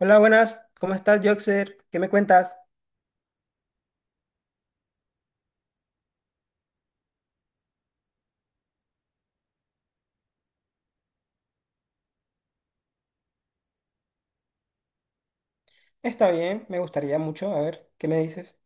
Hola, buenas. ¿Cómo estás, Joxer? ¿Qué me cuentas? Está bien, me gustaría mucho. A ver, ¿qué me dices?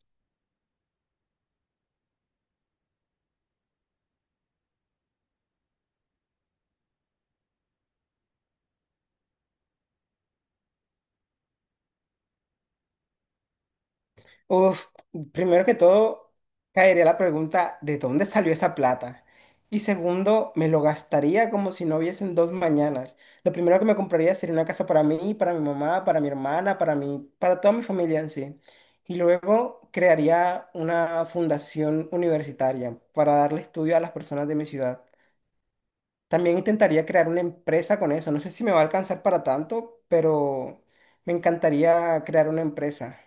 Uf, primero que todo, caería la pregunta, ¿de dónde salió esa plata? Y segundo, me lo gastaría como si no hubiesen dos mañanas. Lo primero que me compraría sería una casa para mí, para mi mamá, para mi hermana, para mí, para toda mi familia en sí. Y luego crearía una fundación universitaria para darle estudio a las personas de mi ciudad. También intentaría crear una empresa con eso. No sé si me va a alcanzar para tanto, pero me encantaría crear una empresa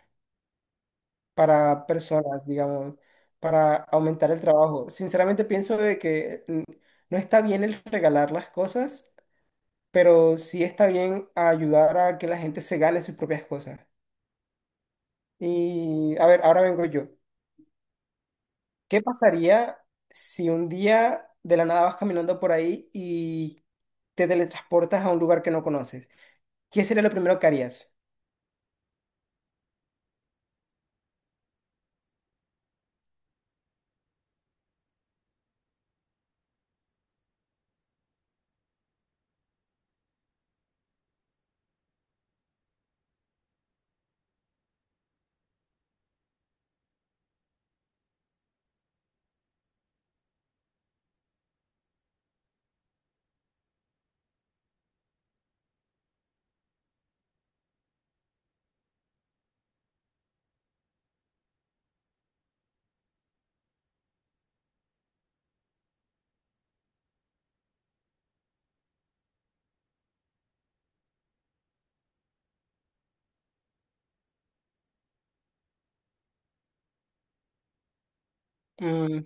para personas, digamos, para aumentar el trabajo. Sinceramente pienso de que no está bien el regalar las cosas, pero sí está bien ayudar a que la gente se gane sus propias cosas. Y a ver, ahora vengo yo. ¿Qué pasaría si un día de la nada vas caminando por ahí y te teletransportas a un lugar que no conoces? ¿Qué sería lo primero que harías? Mm,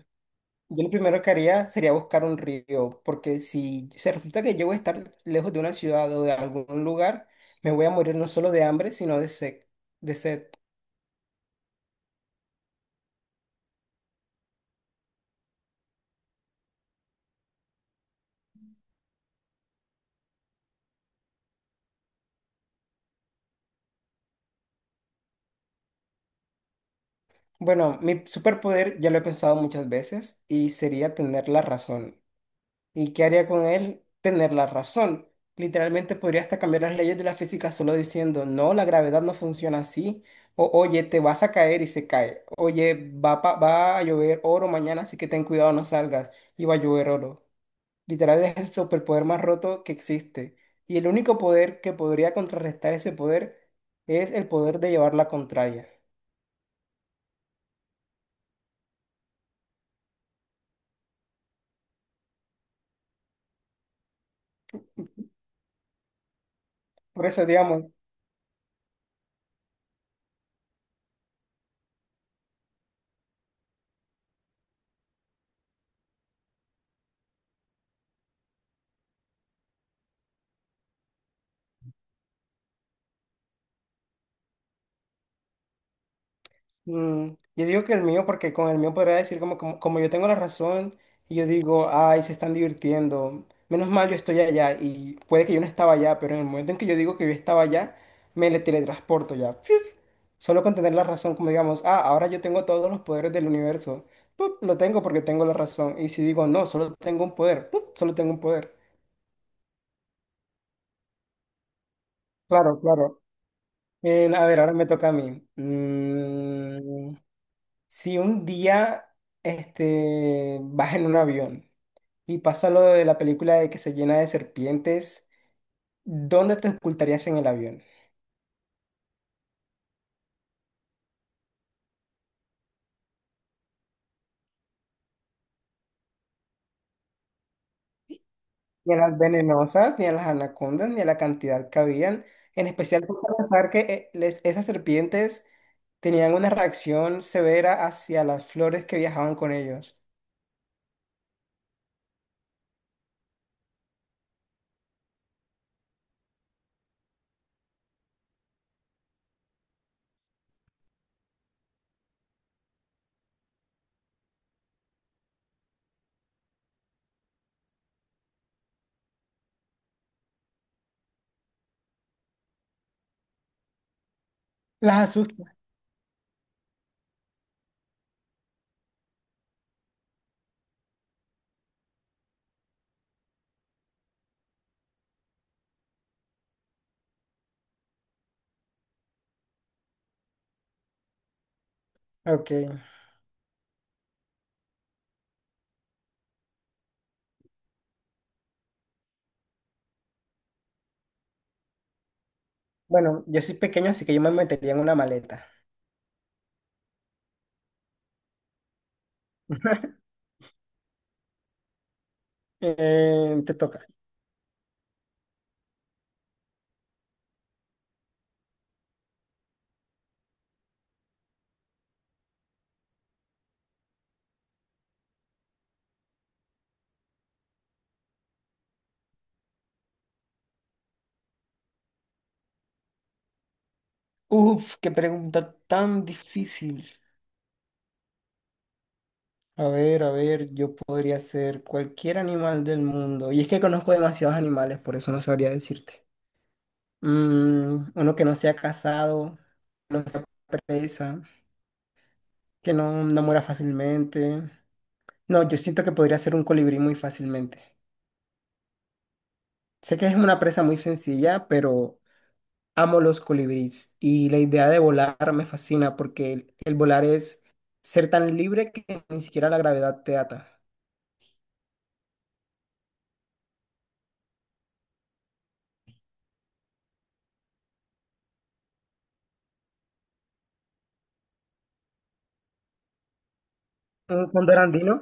yo lo primero que haría sería buscar un río, porque si se resulta que yo voy a estar lejos de una ciudad o de algún lugar, me voy a morir no solo de hambre, sino de sed, de sed. Bueno, mi superpoder ya lo he pensado muchas veces y sería tener la razón. ¿Y qué haría con él? Tener la razón. Literalmente podría hasta cambiar las leyes de la física solo diciendo, no, la gravedad no funciona así. O, oye, te vas a caer y se cae. Oye, va, va a llover oro mañana, así que ten cuidado, no salgas. Y va a llover oro. Literal es el superpoder más roto que existe. Y el único poder que podría contrarrestar ese poder es el poder de llevar la contraria. Por eso, digamos, mm, yo digo que el mío, porque con el mío podría decir como yo tengo la razón, y yo digo, ay, se están divirtiendo. Menos mal yo estoy allá, y puede que yo no estaba allá, pero en el momento en que yo digo que yo estaba allá, me le teletransporto ya. ¡Fiuf! Solo con tener la razón, como digamos, ah, ahora yo tengo todos los poderes del universo. ¡Pup! Lo tengo porque tengo la razón. Y si digo, no, solo tengo un poder, ¡pup! Solo tengo un poder. Claro, claro. A ver, ahora me toca a mí. Mm, si un día este, vas en un avión y pasa lo de la película de que se llena de serpientes, ¿dónde te ocultarías en el avión? Ni a las venenosas, ni a las anacondas, ni a la cantidad que habían. En especial por pensar que esas serpientes tenían una reacción severa hacia las flores que viajaban con ellos. Las asusta. Ok. Bueno, yo soy pequeño, así que yo me metería en una maleta. Te toca. Uf, qué pregunta tan difícil. A ver, yo podría ser cualquier animal del mundo. Y es que conozco demasiados animales, por eso no sabría decirte. Mm, uno que no sea casado, no sea presa, que no, no muera fácilmente. No, yo siento que podría ser un colibrí muy fácilmente. Sé que es una presa muy sencilla, pero amo los colibríes. Y la idea de volar me fascina porque el volar es ser tan libre que ni siquiera la gravedad te ata. Un fondo andino.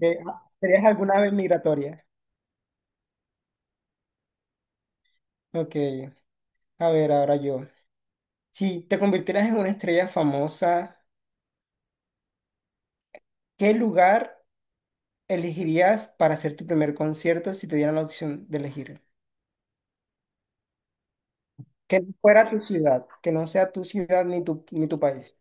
¿Serías alguna vez migratoria? Ok, a ver, ahora yo. Si te convirtieras en una estrella famosa, ¿qué lugar elegirías para hacer tu primer concierto si te dieran la opción de elegir? Que no fuera tu ciudad, que no sea tu ciudad ni tu país.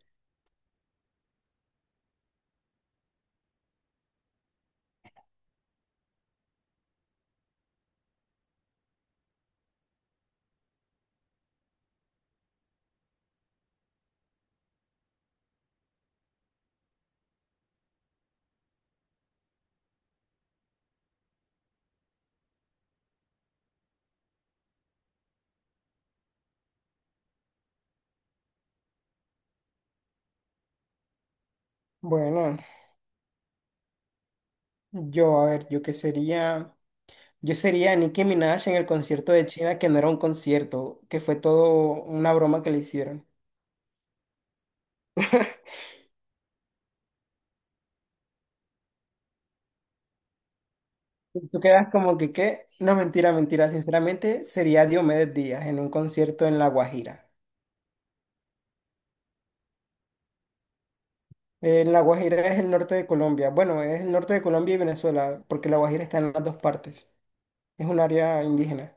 Bueno, yo, a ver, yo qué sería, yo sería Nicki Minaj en el concierto de China, que no era un concierto, que fue todo una broma que le hicieron. Y tú quedas como que, ¿qué? No, mentira, mentira. Sinceramente, sería Diomedes Díaz en un concierto en La Guajira. En La Guajira es el norte de Colombia. Bueno, es el norte de Colombia y Venezuela, porque La Guajira está en las dos partes. Es un área indígena.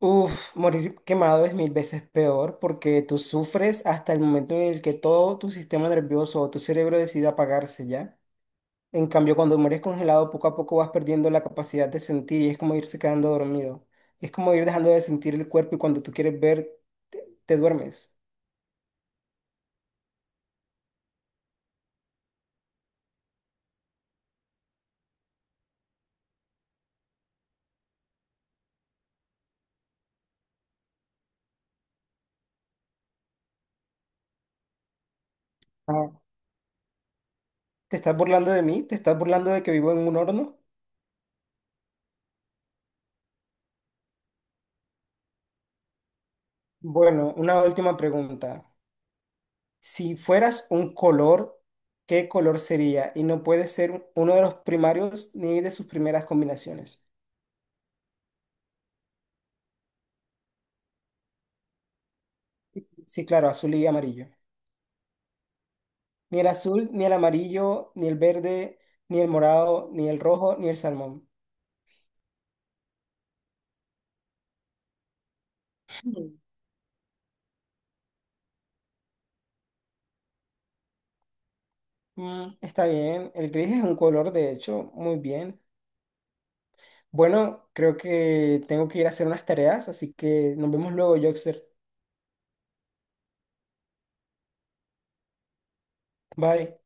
Uf, morir quemado es mil veces peor porque tú sufres hasta el momento en el que todo tu sistema nervioso o tu cerebro decide apagarse, ¿ya? En cambio, cuando mueres congelado, poco a poco vas perdiendo la capacidad de sentir y es como irse quedando dormido. Es como ir dejando de sentir el cuerpo y cuando tú quieres ver, te duermes. Ah, ¿te estás burlando de mí? ¿Te estás burlando de que vivo en un horno? Bueno, una última pregunta. Si fueras un color, ¿qué color sería? Y no puede ser uno de los primarios ni de sus primeras combinaciones. Sí, claro, azul y amarillo. Ni el azul, ni el amarillo, ni el verde, ni el morado, ni el rojo, ni el salmón. Mm, está bien, el gris es un color, de hecho, muy bien. Bueno, creo que tengo que ir a hacer unas tareas, así que nos vemos luego, Joxer. Bye.